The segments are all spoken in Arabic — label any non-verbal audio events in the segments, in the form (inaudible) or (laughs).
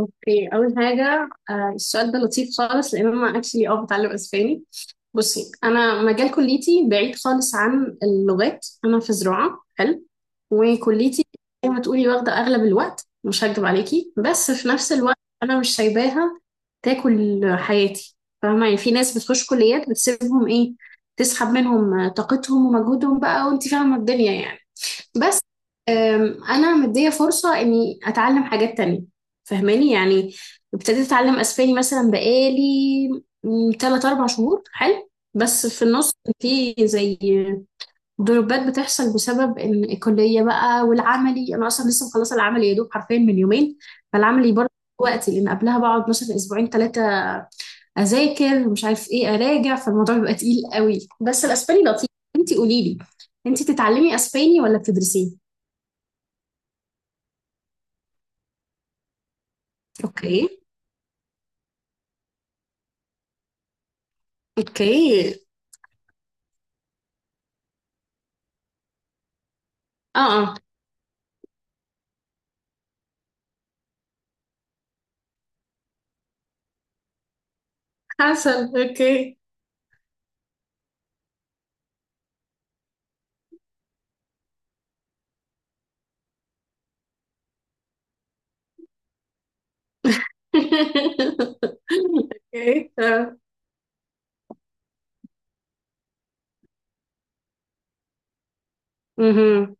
اوكي، اول حاجه، السؤال ده لطيف خالص لان انا اكشلي بتعلم اسباني. بصي، انا مجال كليتي بعيد خالص عن اللغات. انا في زراعه. حلو. وكليتي زي ما تقولي واخده اغلب الوقت، مش هكدب عليكي، بس في نفس الوقت انا مش سايباها تاكل حياتي. فاهمه يعني، في ناس بتخش كليات بتسيبهم ايه، تسحب منهم طاقتهم ومجهودهم بقى، وانت فاهمه الدنيا يعني. بس، انا مديه فرصه اني اتعلم حاجات تانية. فاهماني يعني. ابتديت اتعلم اسباني مثلا بقالي 3 4 شهور. حلو. بس في النص في زي ضربات بتحصل بسبب ان الكليه بقى، والعملي، انا اصلا لسه مخلصه العملي يا دوب حرفيا من يومين. فالعملي برضه وقتي، لان قبلها بقعد مثلا اسبوعين ثلاثه اذاكر مش عارف ايه اراجع، فالموضوع بيبقى تقيل قوي. بس الاسباني لطيف. انتي قولي لي، انتي تتعلمي اسباني ولا بتدرسيه؟ اوكي. اوكي. اه، اه. حسن. اوكي. (laughs) اوكي. اه. مهم.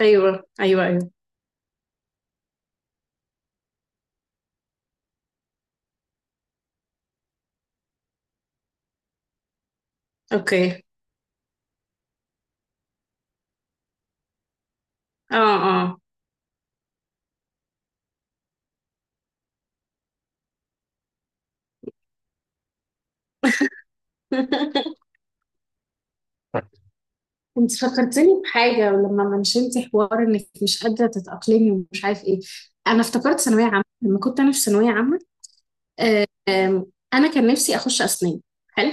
ايوه، ايوه، ايوه. اوكي. اه، اه. (laughs) انت فكرتني بحاجه لما منشنت حوار انك مش قادره تتاقلمي ومش عارف ايه. انا افتكرت ثانويه عامه لما كنت انا في ثانويه عامه. آم، انا كان نفسي اخش اسنان. حلو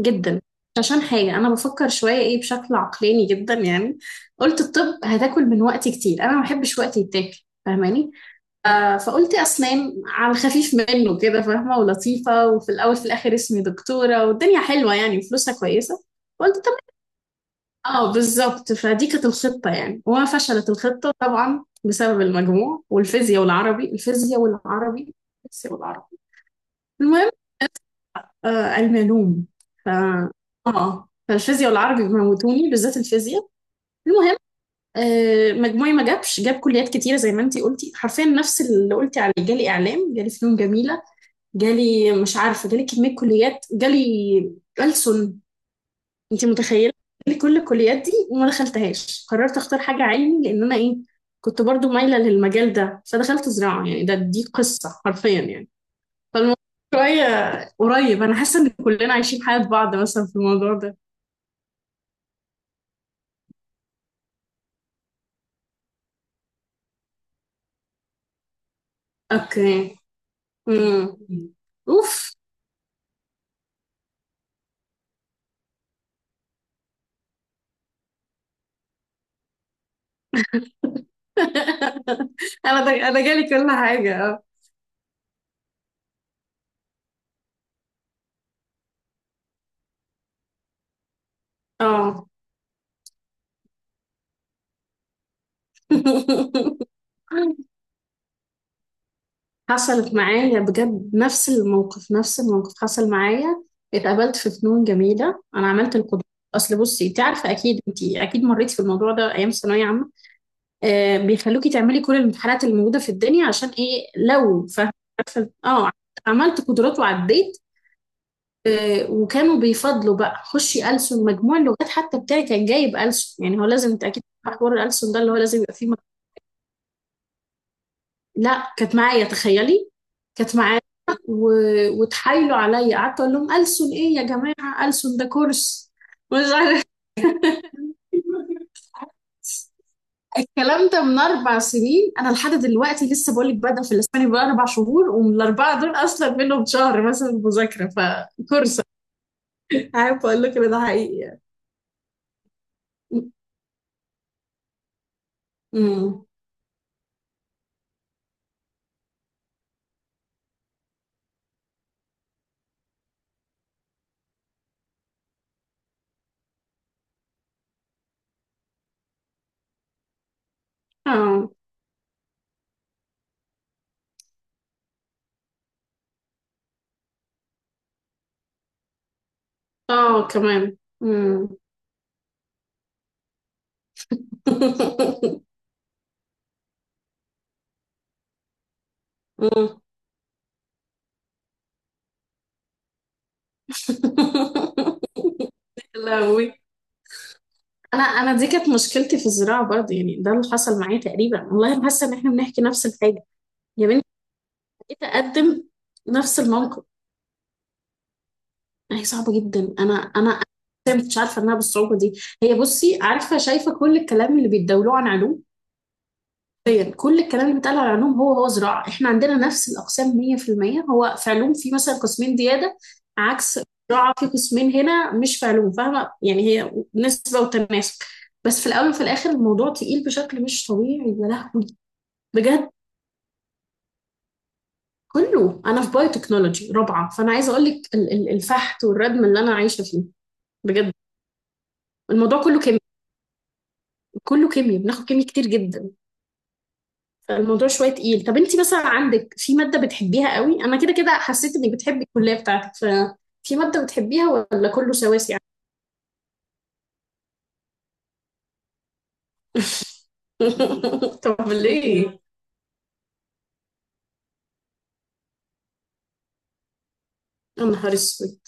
جدا. عشان حاجه انا بفكر شويه ايه، بشكل عقلاني جدا يعني. قلت الطب هتاكل من وقتي كتير، انا ما بحبش وقتي يتاكل، فاهماني. فقلت اسنان على الخفيف منه كده، فاهمه ولطيفه، وفي الاول في الاخر اسمي دكتوره والدنيا حلوه يعني وفلوسها كويسه. قلت طب، اه بالظبط. فدي كانت الخطه يعني، وما فشلت الخطه طبعا بسبب المجموع والفيزياء والعربي، الفيزياء والعربي، الفيزياء والعربي. المهم، الملوم. ف اه فالفيزياء والعربي موتوني، بالذات الفيزياء. المهم، مجموعي ما جابش، جاب كليات كتيره زي ما انتي قلتي، حرفيا نفس اللي قلتي عليه. جالي اعلام، جالي فنون جميله، جالي مش عارفه، جالي كميه كليات، جالي ألسن. انتي متخيله؟ جالي كل الكليات دي وما دخلتهاش. قررت اختار حاجه علمي لان انا ايه، كنت برضو مايله للمجال ده فدخلت زراعه. يعني دي قصه حرفيا يعني. فالموضوع شوية قريب، أنا حاسة إن كلنا عايشين حياة بعض مثلا في الموضوع ده. أوكي. امم. أوف. (laughs) أنا جالي كل حاجة. أه، أه. (laughs) حصلت معايا بجد نفس الموقف، نفس الموقف حصل معايا. اتقابلت في فنون جميلة، أنا عملت القدرات. أصل بصي أنت عارفة أكيد، أنت أكيد مريت في الموضوع ده أيام ثانوية عامة. بيخلوكي تعملي كل الامتحانات اللي موجودة في الدنيا عشان إيه، لو. اه، عملت قدرات وعديت. وكانوا بيفضلوا بقى خشي ألسن، مجموع اللغات حتى بتاعي كان جايب ألسن، يعني هو لازم، انت اكيد عارفة حوار الألسن ده، اللي هو لازم يبقى فيه مجموع. لا كانت معايا، تخيلي، كانت معايا. و... وتحايلوا عليا، قعدت اقول لهم ألسن ايه يا جماعة، ألسن ده كورس مش عارف. (laughs) الكلام ده من اربع سنين، انا لحد دلوقتي لسه بقول لك بادئه في الاسباني، بقى اربع شهور ومن الاربعه دول اصلا منهم شهر مثلا مذاكره. فكورس، عارف اقول لك ان ده حقيقي يعني. امم. اه، اه. كمان. امم. (laughs) أمم. (laughs) لهوي. انا دي كانت مشكلتي في الزراعه برضه، يعني ده اللي حصل معايا تقريبا. والله انا حاسه ان احنا بنحكي نفس الحاجه. يا بنتي، جيت اقدم نفس الموقف. هي صعبه جدا. انا انا أنا ما كنتش عارفه انها بالصعوبه دي. هي بصي، عارفه شايفه كل الكلام اللي بيتداولوه عن علوم. حرفيا كل الكلام اللي بيتقال على علوم هو زراعة. احنا عندنا نفس الأقسام 100%. هو في علوم في مثلا قسمين زيادة، عكس زراعة في قسمين هنا مش في علوم، فاهمة يعني، هي نسبة وتناسب. بس في الأول وفي الآخر الموضوع تقيل بشكل مش طبيعي. يا لهوي. بجد. كله، أنا في بايو تكنولوجي رابعة، فأنا عايزة أقول لك الفحت والردم اللي أنا عايشة فيه. بجد، الموضوع كله كيمياء، كله كيمياء، بناخد كيمياء كتير جدا. الموضوع شويه تقيل. طب انت مثلا عندك في ماده بتحبيها قوي؟ انا كده كده حسيت انك بتحبي الكليه بتاعتك، ففي ماده بتحبيها ولا كله سواسي يعني؟ (laughs) طب ليه؟ يا نهار اسود.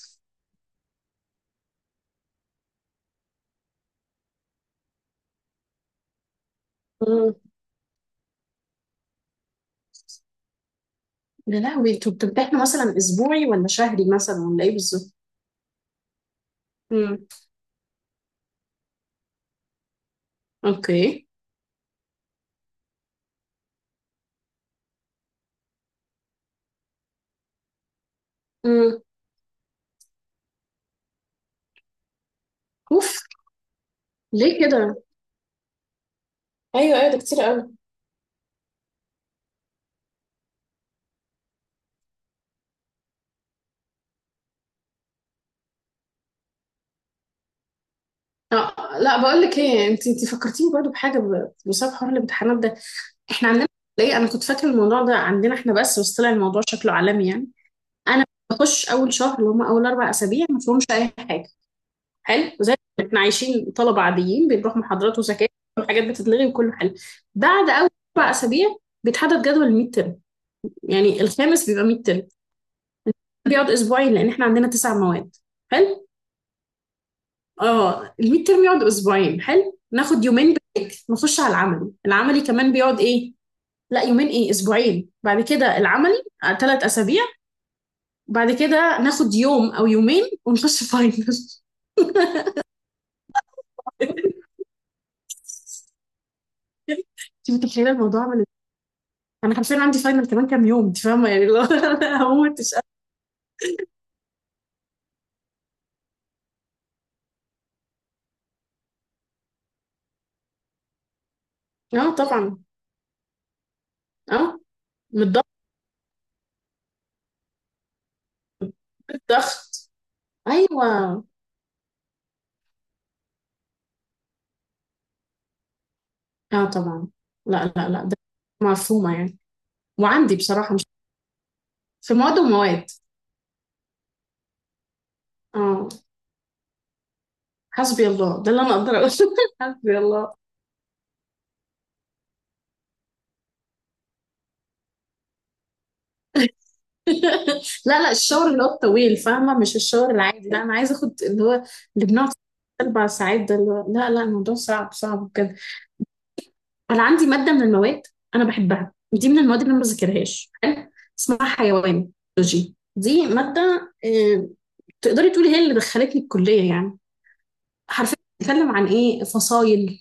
مم. يا لهوي، انتوا بتمتحنوا مثلا اسبوعي ولا شهري مثلا ولا ايه بالظبط؟ مم. اوكي. مم. اوف. ليه كده؟ ايوه، ايوه، ده كتير قوي. لا بقول لك ايه، انت فكرتيني برضو بحاجه، بسبب حوار الامتحانات ده. احنا عندنا. ليه انا كنت فاكره الموضوع ده عندنا احنا بس طلع الموضوع شكله عالمي يعني. انا بخش اول شهر اللي هم اول اربع اسابيع ما فيهمش اي حاجه. حلو، زي ما احنا عايشين طلبه عاديين، بنروح محاضرات وزكاه وحاجات بتتلغي وكله حلو. بعد اول اربع اسابيع بيتحدد جدول الميد ترم، يعني الخامس بيبقى ميد ترم. بيقعد اسبوعين لان احنا عندنا تسع مواد. حلو. اه، الميد ترم يقعد اسبوعين. حلو. ناخد يومين بريك، نخش على العملي. العملي كمان بيقعد ايه؟ لا، يومين ايه، اسبوعين، بعد كده العملي ثلاث اسابيع. بعد كده ناخد يوم او يومين ونخش فاينل. (laughs) انت متخيله الموضوع عمل إيه؟ انا حرفيا عندي فاينل كمان كام يوم، انت فاهمه يعني، لو (laughs) انا هموت. مش قادرة. اه طبعا. اه، من الضغط. للضغط. ايوه. اه طبعا. لا، لا، لا، ده مفهومه يعني. وعندي بصراحه مش، في مواد ومواد. اه، حسبي الله، ده اللي انا اقدر اقوله. (laughs) حسبي الله. (laughs) لا، لا، الشاور اللي هو الطويل فاهمه، مش الشاور العادي. لا انا عايزه اخد اللي هو اللي بنقعد اربع ساعات ده، اللي هو لا، لا، الموضوع صعب، صعب. انا عندي ماده من المواد انا بحبها، دي من المواد اللي انا ما بذاكرهاش. حلو، اسمها حيوان بيولوجي. دي ماده تقدري تقولي هي اللي دخلتني الكليه يعني. حرفيا بتتكلم عن ايه، فصائل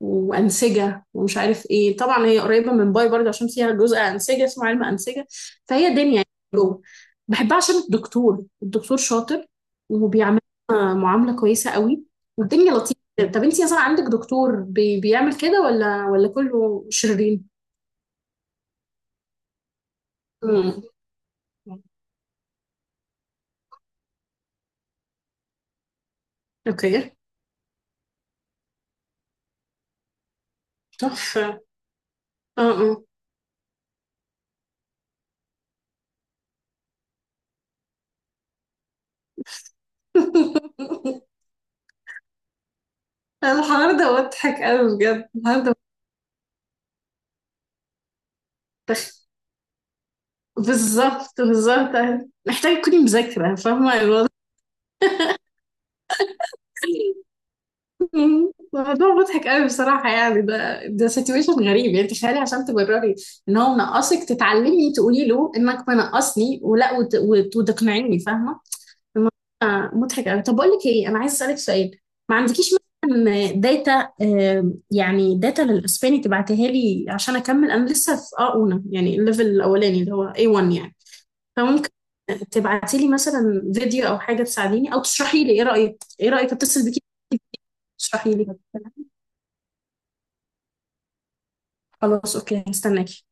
وانسجه ومش عارف ايه، طبعا هي قريبه من باي برضه عشان فيها جزء انسجه اسمه علم انسجه. فهي دنيا يعني جوه. بحبها عشان الدكتور شاطر، وبيعمل معامله كويسه قوي والدنيا لطيفه. طب انتي مثلا عندك دكتور بيعمل كده ولا كله شرير؟ مم. اوكي. تحفه. اه، اه. (laughs) الحوار ده مضحك قوي، بجد الحوار ده مضحك. بالظبط، بالظبط. محتاجة تكوني مذاكرة فاهمة. (laughs) موضوع مضحك قوي بصراحة يعني، ده سيتويشن غريب يعني. تخيلي عشان تبرري ان هو منقصك، تتعلمي تقولي له انك منقصني، ولا وتقنعيني، فاهمة. الموضوع مضحك قوي. طب بقول لك ايه، انا عايز اسألك سؤال. ما عندكيش مثلا داتا، يعني داتا للاسباني تبعتيها لي عشان اكمل. انا لسه في اولى يعني، الليفل الاولاني اللي هو A1 يعني. فممكن تبعتي لي مثلا فيديو او حاجة تساعديني، او تشرحي لي ايه رأيك، ايه رأيك اتصل بيكي تشرحي لي؟ خلاص، اوكي، هستناكي.